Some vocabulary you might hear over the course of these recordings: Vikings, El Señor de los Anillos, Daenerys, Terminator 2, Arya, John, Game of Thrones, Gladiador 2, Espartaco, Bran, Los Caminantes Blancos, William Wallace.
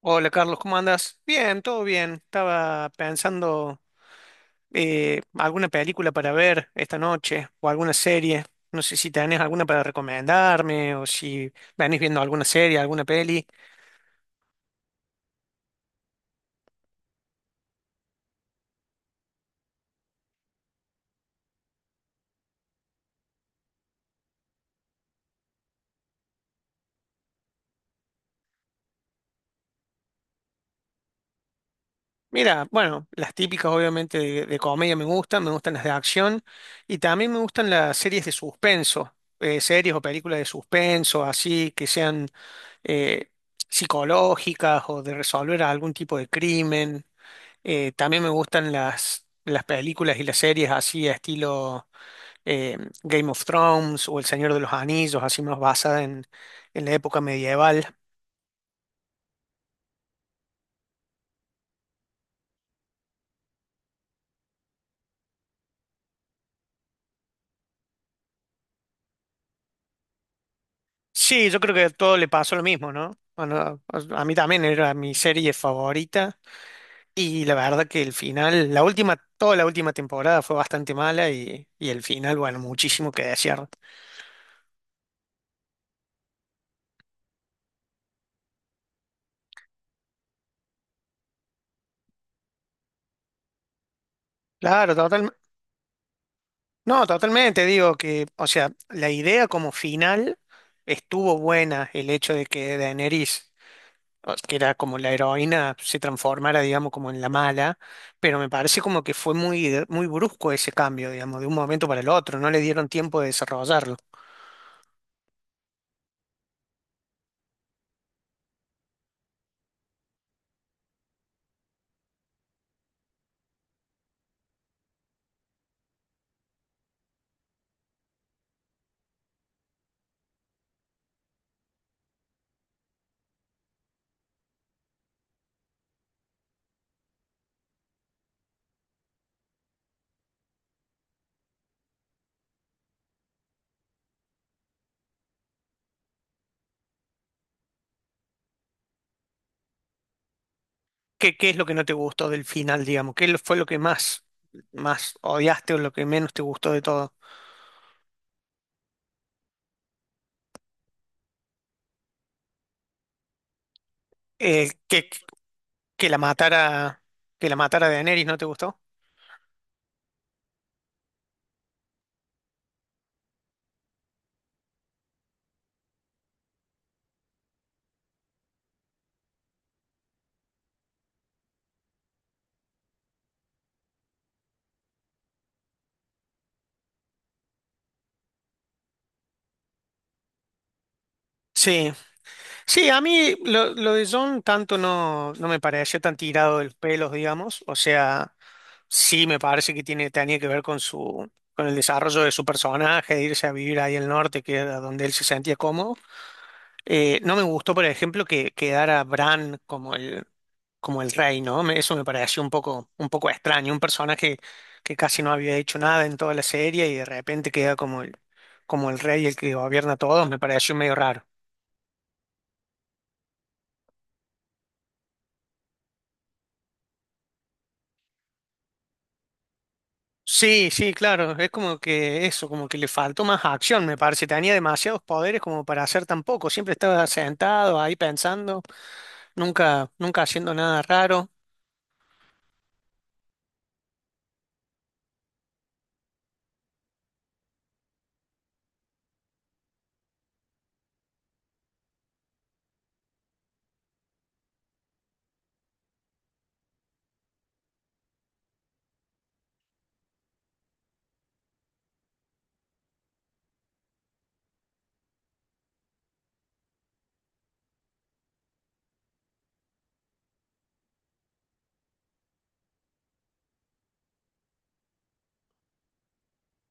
Hola Carlos, ¿cómo andas? Bien, todo bien. Estaba pensando alguna película para ver esta noche o alguna serie. No sé si tenés alguna para recomendarme o si venís viendo alguna serie, alguna peli. Mira, bueno, las típicas obviamente de comedia me gustan las de acción y también me gustan las series de suspenso, series o películas de suspenso, así que sean eh, psicológicas o de resolver algún tipo de crimen. También me gustan las películas y las series así, a estilo eh, Game of Thrones o El Señor de los Anillos, así más basada en la época medieval. Sí, yo creo que a todo le pasó lo mismo, ¿no? Bueno, a mí también era mi serie favorita y la verdad que el final, la última, toda la última temporada fue bastante mala y el final, bueno, muchísimo que desear. Claro, totalmente. No, totalmente, digo que, o sea, la idea como final estuvo buena, el hecho de que Daenerys, que era como la heroína, se transformara, digamos, como en la mala, pero me parece como que fue muy, muy brusco ese cambio, digamos, de un momento para el otro, no le dieron tiempo de desarrollarlo. ¿Qué, qué es lo que no te gustó del final, digamos? Fue lo que más, más odiaste o lo que menos te gustó de todo? Eh, que, que la matara, que la matara Daenerys, ¿no te gustó? Sí, sí, a mí lo de John tanto no, no me pareció tan tirado de los pelos, digamos. O sea, sí me parece que tiene, tenía que ver con su, con el desarrollo de su personaje, de irse a vivir ahí al norte, que era donde él se sentía cómodo. No me gustó, por ejemplo, que quedara Bran como el rey, ¿no? Eso me pareció un poco extraño. Un personaje que casi no había hecho nada en toda la serie y de repente queda como el rey, el que gobierna a todos, me pareció medio raro. Sí, sí, claro, es como que eso, como que le faltó más acción, me parece, tenía demasiados poderes como para hacer tan poco, siempre estaba sentado ahí pensando, nunca, nunca haciendo nada raro.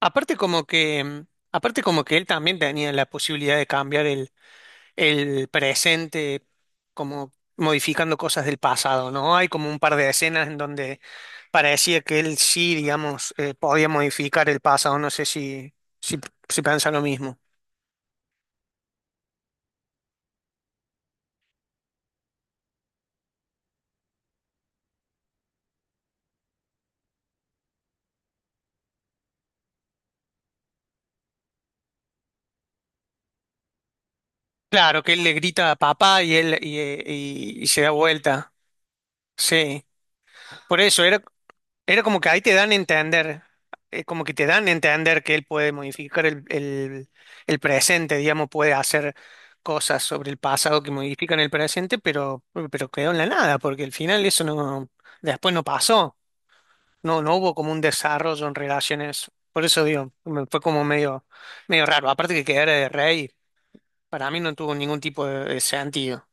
Aparte como que, aparte como que él también tenía la posibilidad de cambiar el presente, como modificando cosas del pasado, ¿no? Hay como un par de escenas en donde parecía que él sí, digamos, podía modificar el pasado, no sé si, si piensa lo mismo. Claro, que él le grita a papá y él y se da vuelta. Sí, por eso era, era como que ahí te dan a entender, como que te dan a entender que él puede modificar el presente, digamos, puede hacer cosas sobre el pasado que modifican el presente, pero quedó en la nada, porque al final eso no, después no pasó, no, no hubo como un desarrollo en relaciones. Por eso digo, fue como medio, medio raro. Aparte que quedara de rey, para mí no tuvo ningún tipo de sentido.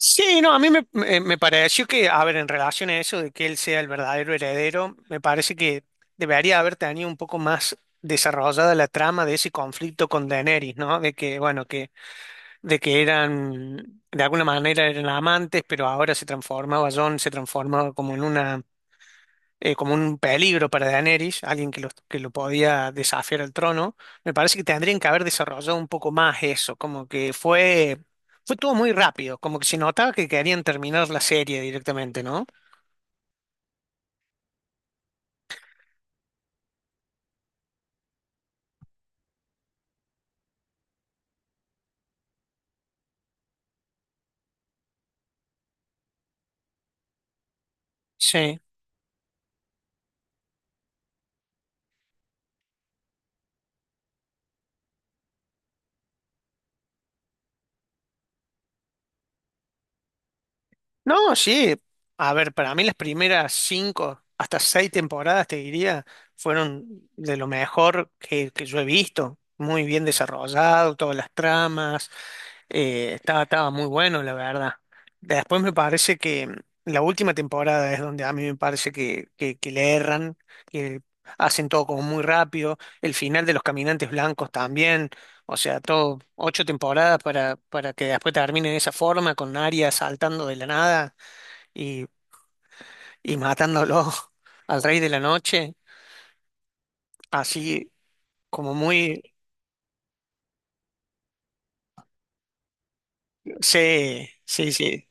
Sí, no, a mí me, me pareció que, a ver, en relación a eso de que él sea el verdadero heredero, me parece que debería haber tenido un poco más desarrollada la trama de ese conflicto con Daenerys, ¿no? De que, bueno, que, de que eran, de alguna manera eran amantes, pero ahora se transformaba, Jon se transformaba como en una como un peligro para Daenerys, alguien que lo podía desafiar al trono, me parece que tendrían que haber desarrollado un poco más eso, como que fue, fue todo muy rápido, como que se notaba que querían terminar la serie directamente, ¿no? Sí. No, sí. A ver, para mí las primeras cinco, hasta seis temporadas, te diría, fueron de lo mejor que yo he visto. Muy bien desarrollado, todas las tramas. Estaba, estaba muy bueno, la verdad. Después me parece que la última temporada es donde a mí me parece que le erran, que hacen todo como muy rápido. El final de Los Caminantes Blancos también. O sea, todo ocho temporadas para que después termine de esa forma, con Arya saltando de la nada y, y matándolo al rey de la noche. Así como muy... Sí, sí, sí.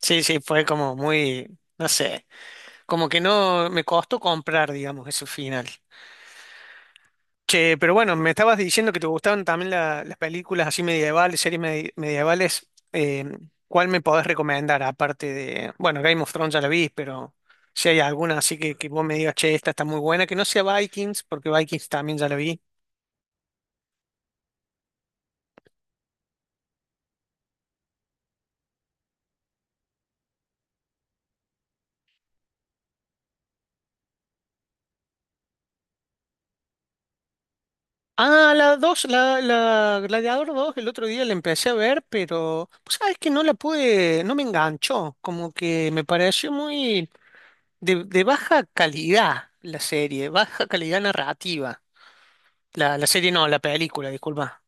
Sí, sí, fue como muy... No sé, como que no me costó comprar, digamos, ese final. Che, pero bueno, me estabas diciendo que te gustaban también las películas así medievales, series medievales. Eh, ¿Cuál me podés recomendar? Aparte de, bueno, Game of Thrones ya la vi, pero si hay alguna así que vos me digas, che, esta está muy buena, que no sea Vikings, porque Vikings también ya la vi. Ah, la 2 la Gladiador 2, el otro día la empecé a ver, pero pues sabes que no la pude, no me enganchó, como que me pareció muy de baja calidad la serie, baja calidad narrativa. La serie no, la película, disculpa.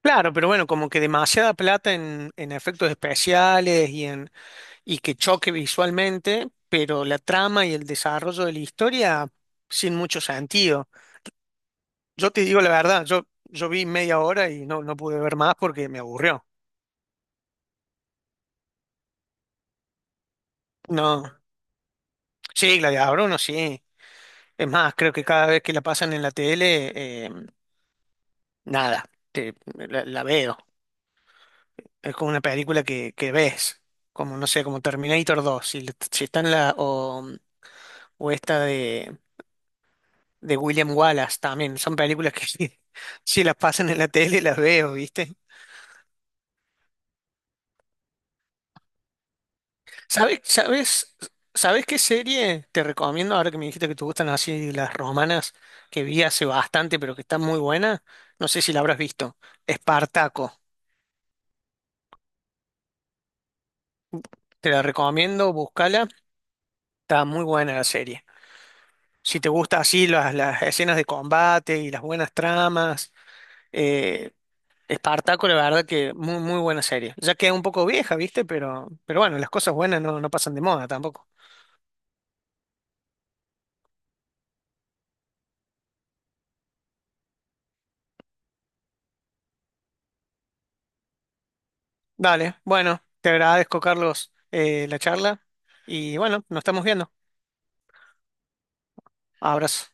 Claro, pero bueno, como que demasiada plata en efectos especiales y en y que choque visualmente, pero la trama y el desarrollo de la historia sin mucho sentido. Yo te digo la verdad, yo vi media hora y no, no pude ver más porque me aburrió. No, sí, Gladiador uno sí. Es más, creo que cada vez que la pasan en la tele, nada, la veo. Es como una película que ves, como no sé, como Terminator 2, si está en la, o esta de William Wallace también, son películas que si, si las pasan en la tele las veo, ¿viste? ¿Sabes, sabes, sabes qué serie te recomiendo ahora que me dijiste que te gustan así las romanas que vi hace bastante, pero que está muy buena? No sé si la habrás visto. Espartaco. Te la recomiendo, búscala. Está muy buena la serie. Si te gusta así las escenas de combate y las buenas tramas, eh, Espartaco, la verdad que muy, muy buena serie. Ya queda un poco vieja, ¿viste? Pero bueno, las cosas buenas no, no pasan de moda tampoco. Dale, bueno, te agradezco, Carlos, la charla y bueno, nos estamos viendo. Abrazo.